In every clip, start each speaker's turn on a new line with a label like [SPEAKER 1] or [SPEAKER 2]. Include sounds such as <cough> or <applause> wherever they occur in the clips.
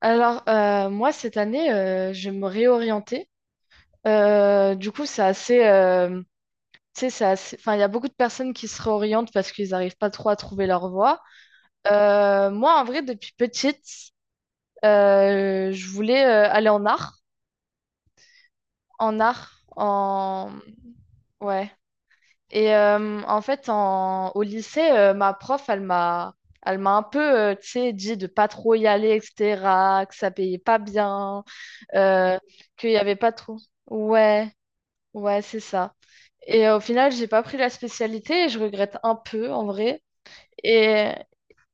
[SPEAKER 1] Moi, cette année, je vais me réorienter. Du coup, c'est assez, tu sais, c'est assez... Enfin, il y a beaucoup de personnes qui se réorientent parce qu'ils n'arrivent pas trop à trouver leur voie. Moi, en vrai, depuis petite, je voulais aller en art. En art, en... Ouais. Et en fait, en... au lycée, ma prof, elle m'a... Elle m'a un peu, tu sais, dit de pas trop y aller, etc., que ça payait pas bien, euh, qu'il n'y avait pas trop. Ouais, ouais, c'est ça. Et au final, j'ai pas pris la spécialité et je regrette un peu en vrai. Et,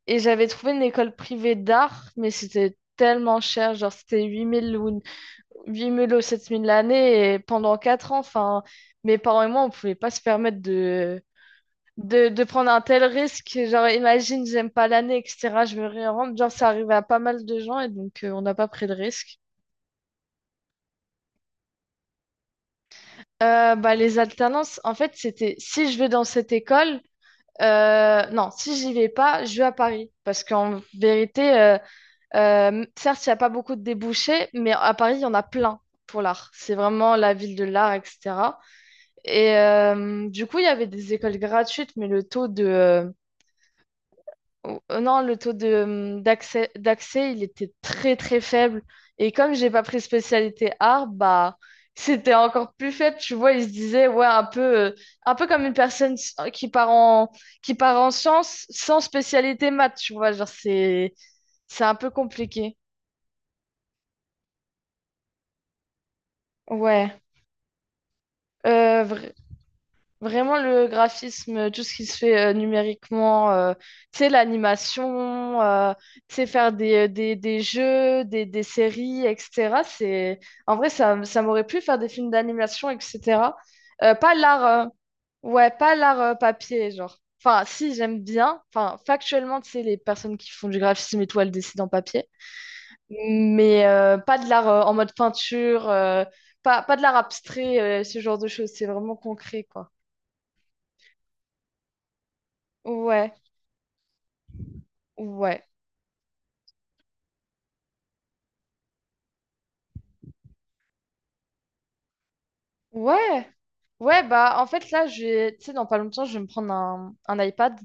[SPEAKER 1] et j'avais trouvé une école privée d'art, mais c'était tellement cher, genre c'était 8 000 ou, 8 000 ou 7 000 l'année et pendant 4 ans, enfin, mes parents et moi, on pouvait pas se permettre de, de prendre un tel risque. Genre, imagine, j'aime pas l'année, etc., je me réoriente. Genre, ça arrivait à pas mal de gens et donc on n'a pas pris de risque. Bah, les alternances, en fait, c'était si je vais dans cette école, non, si j'y vais pas, je vais à Paris. Parce qu'en vérité, certes, il n'y a pas beaucoup de débouchés, mais à Paris, il y en a plein pour l'art. C'est vraiment la ville de l'art, etc. Et du coup, il y avait des écoles gratuites, mais le taux de, Oh, non, le taux de, d'accès, d'accès, il était très très faible. Et comme j'ai pas pris spécialité art, bah c'était encore plus faible. Tu vois, il se disait, ouais, un peu comme une personne qui part en sciences sans spécialité maths, tu vois. Genre, c'est un peu compliqué. Ouais. Euh, vraiment le graphisme, tout ce qui se fait numériquement, tu sais, l'animation, tu sais, faire des jeux, des séries, etc. C'est... En vrai, ça m'aurait plu faire des films d'animation, etc. Pas l'art, ouais, pas l'art papier, genre. Enfin, si, j'aime bien. Enfin, factuellement, tu sais, les personnes qui font du graphisme et tout, elles dessinent en papier. Mais pas de l'art en mode peinture, pas de l'art abstrait, ce genre de choses. C'est vraiment concret, quoi. Ouais. Ouais, ouais, ouais, bah en fait là, j'ai, tu sais, dans pas longtemps, je vais me prendre un iPad.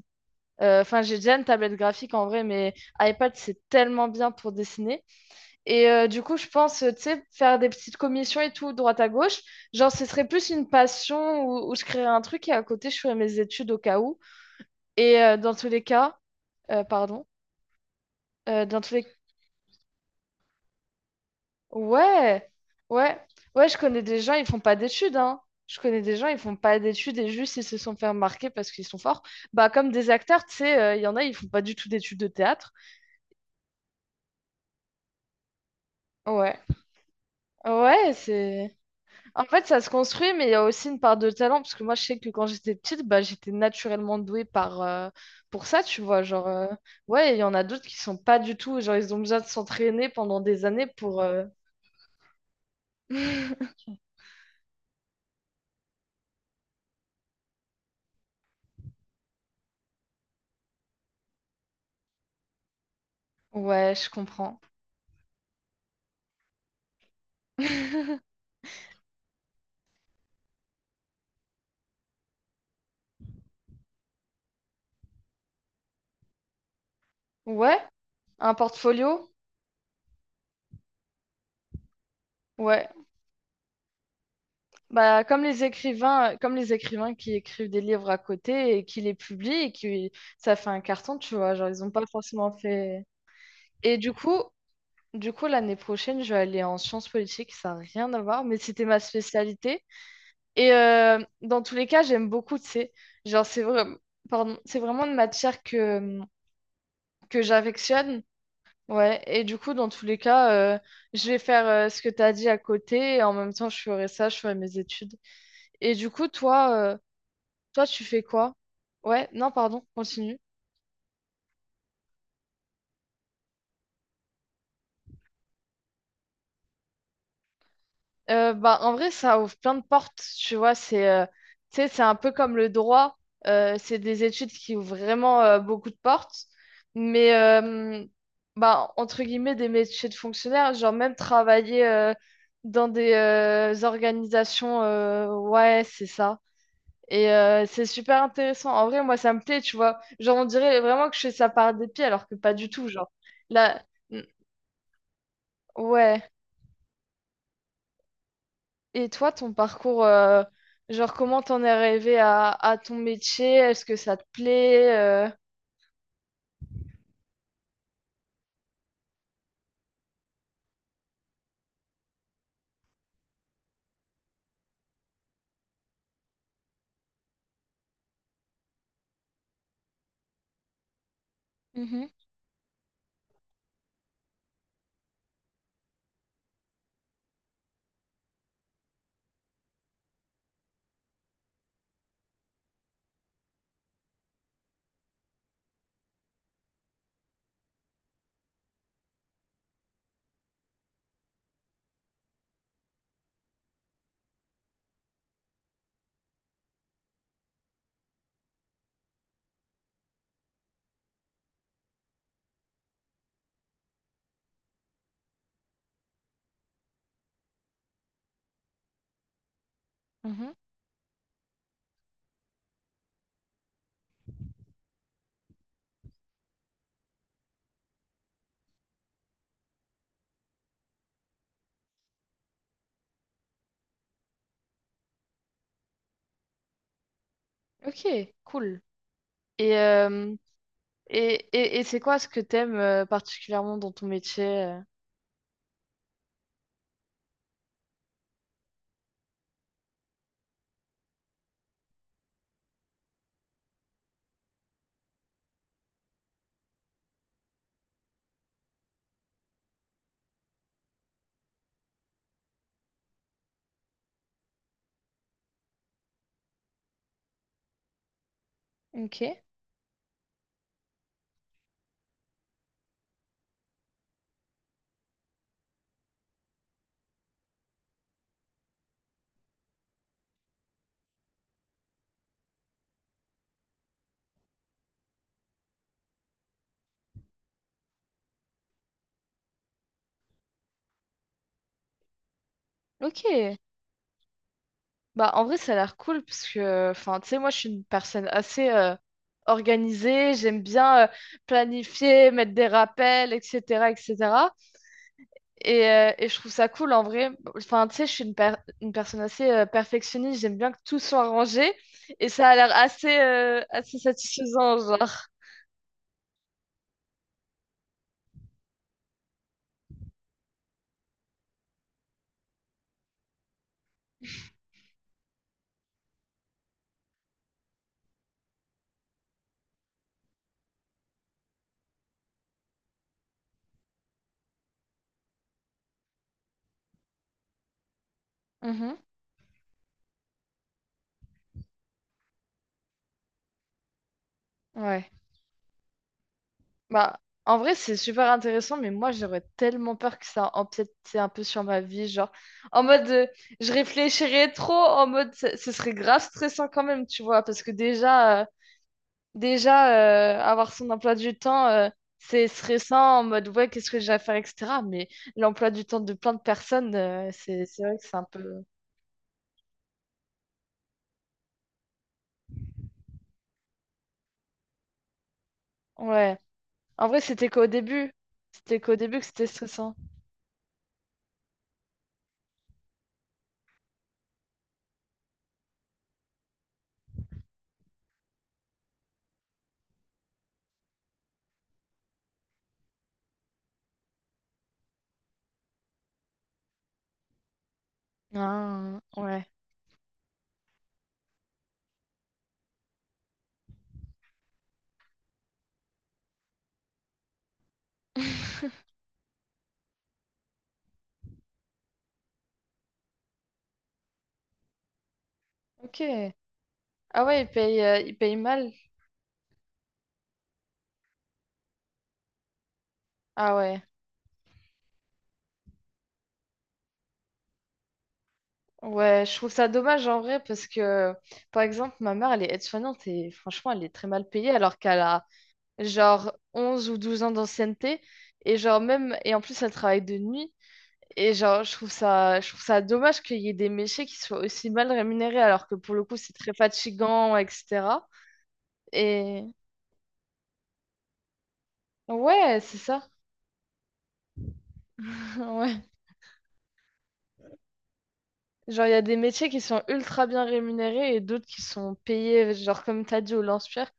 [SPEAKER 1] Enfin, j'ai déjà une tablette graphique en vrai, mais iPad, c'est tellement bien pour dessiner. Et du coup, je pense, tu sais, faire des petites commissions et tout, droite à gauche. Genre, ce serait plus une passion où je créerais un truc et à côté, je ferais mes études au cas où. Et dans tous les cas, pardon, dans tous les Ouais, ouais, ouais, je connais des gens, ils font pas d'études, hein. Je connais des gens, ils font pas d'études et juste ils se sont fait remarquer parce qu'ils sont forts. Bah, comme des acteurs, tu sais, il y en a, ils font pas du tout d'études de théâtre. Ouais, ouais, c'est. En fait, ça se construit, mais il y a aussi une part de talent parce que moi, je sais que quand j'étais petite, bah, j'étais naturellement douée par, pour ça, tu vois. Ouais, il y en a d'autres qui sont pas du tout, genre, ils ont besoin de s'entraîner pendant des années pour. <laughs> Ouais, je comprends. <laughs> Ouais, un portfolio? Ouais, bah, comme les écrivains qui écrivent des livres à côté et qui les publient et qui ça fait un carton, tu vois, genre ils ont pas forcément fait. Et du coup l'année prochaine, je vais aller en sciences politiques, ça n'a rien à voir, mais c'était ma spécialité. Et dans tous les cas, j'aime beaucoup, tu sais, genre c'est vrai, pardon, c'est vraiment une matière que j'affectionne. Ouais, et du coup, dans tous les cas, je vais faire ce que tu as dit à côté et en même temps, je ferai ça, je ferai mes études. Et du coup, toi, toi, tu fais quoi? Ouais, non, pardon, continue. Bah, en vrai, ça ouvre plein de portes, tu vois. C'est Tu sais, c'est un peu comme le droit. C'est des études qui ouvrent vraiment beaucoup de portes. Mais, bah, entre guillemets, des métiers de fonctionnaire, genre même travailler dans des organisations, ouais, c'est ça. Et c'est super intéressant. En vrai, moi, ça me plaît, tu vois. Genre, on dirait vraiment que je fais ça par dépit, alors que pas du tout, genre. Là, ouais. Et toi, ton parcours, genre comment t'en es arrivé à ton métier? Est-ce que ça te plaît? Mhm, mhm. Ok, cool. Et, euh, et c'est quoi ce que t'aimes particulièrement dans ton métier? Ok, ok. Bah en vrai, ça a l'air cool parce que, enfin, tu sais, moi, je suis une personne assez organisée. J'aime bien planifier, mettre des rappels, etc., etc. Et je trouve ça cool en vrai. Enfin, tu sais, je suis une personne assez perfectionniste. J'aime bien que tout soit rangé. Et ça a l'air assez, assez satisfaisant, genre. Mhm. Ouais. Bah, en vrai, c'est super intéressant, mais moi, j'aurais tellement peur que ça empiète tu sais, un peu sur ma vie. Genre, en mode, je réfléchirais trop, en mode, ce serait grave stressant quand même, tu vois. Parce que déjà, déjà, avoir son emploi du temps, c'est stressant en mode ouais, qu'est-ce que j'ai à faire, etc. Mais l'emploi du temps de plein de personnes, c'est vrai que c'est un peu. Ouais. En vrai, c'était qu'au début. C'était qu'au début que c'était stressant. Ah, ouais. <laughs> Ok. Ah ouais, il paye mal. Ah ouais. Ouais, je trouve ça dommage en vrai parce que, par exemple, ma mère, elle est aide-soignante et franchement, elle est très mal payée alors qu'elle a, genre 11 ou 12 ans d'ancienneté et genre même et en plus elle travaille de nuit et je trouve ça dommage qu'il y ait des métiers qui soient aussi mal rémunérés alors que pour le coup c'est très fatigant etc. et ouais c'est ça <laughs> ouais genre il y a des métiers qui sont ultra bien rémunérés et d'autres qui sont payés genre comme t'as dit au lance-pierre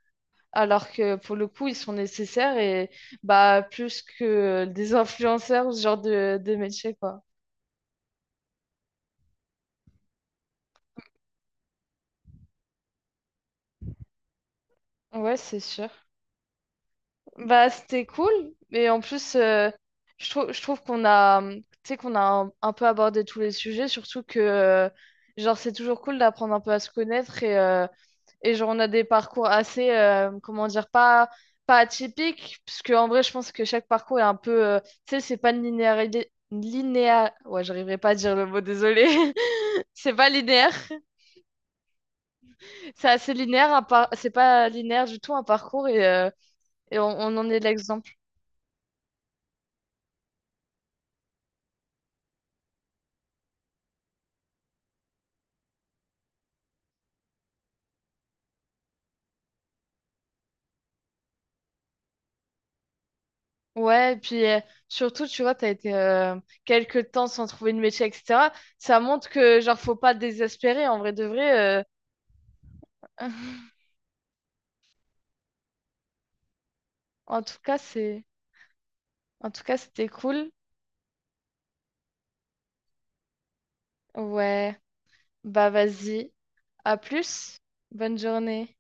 [SPEAKER 1] alors que pour le coup ils sont nécessaires et bah plus que des influenceurs ou ce genre de métier quoi. Ouais c'est sûr. Bah, c'était cool. Et en plus, je trouve qu'on a, tu sais, qu'on a un peu abordé tous les sujets, surtout que, genre, c'est toujours cool d'apprendre un peu à se connaître et genre, on a des parcours assez, comment dire, pas atypiques, parce que, en vrai, je pense que chaque parcours est un peu, tu sais, c'est pas linéaire, linéa ouais, j'arriverai pas à dire le mot, désolé. <laughs> C'est pas linéaire. C'est assez linéaire, c'est pas linéaire du tout un parcours et on en est l'exemple. Ouais, et puis surtout, tu vois, t'as été quelques temps sans trouver de métier, etc. Ça montre que, genre, faut pas désespérer, en vrai de vrai. <laughs> En tout cas, c'est... En tout cas, c'était cool. Ouais, bah vas-y. À plus. Bonne journée.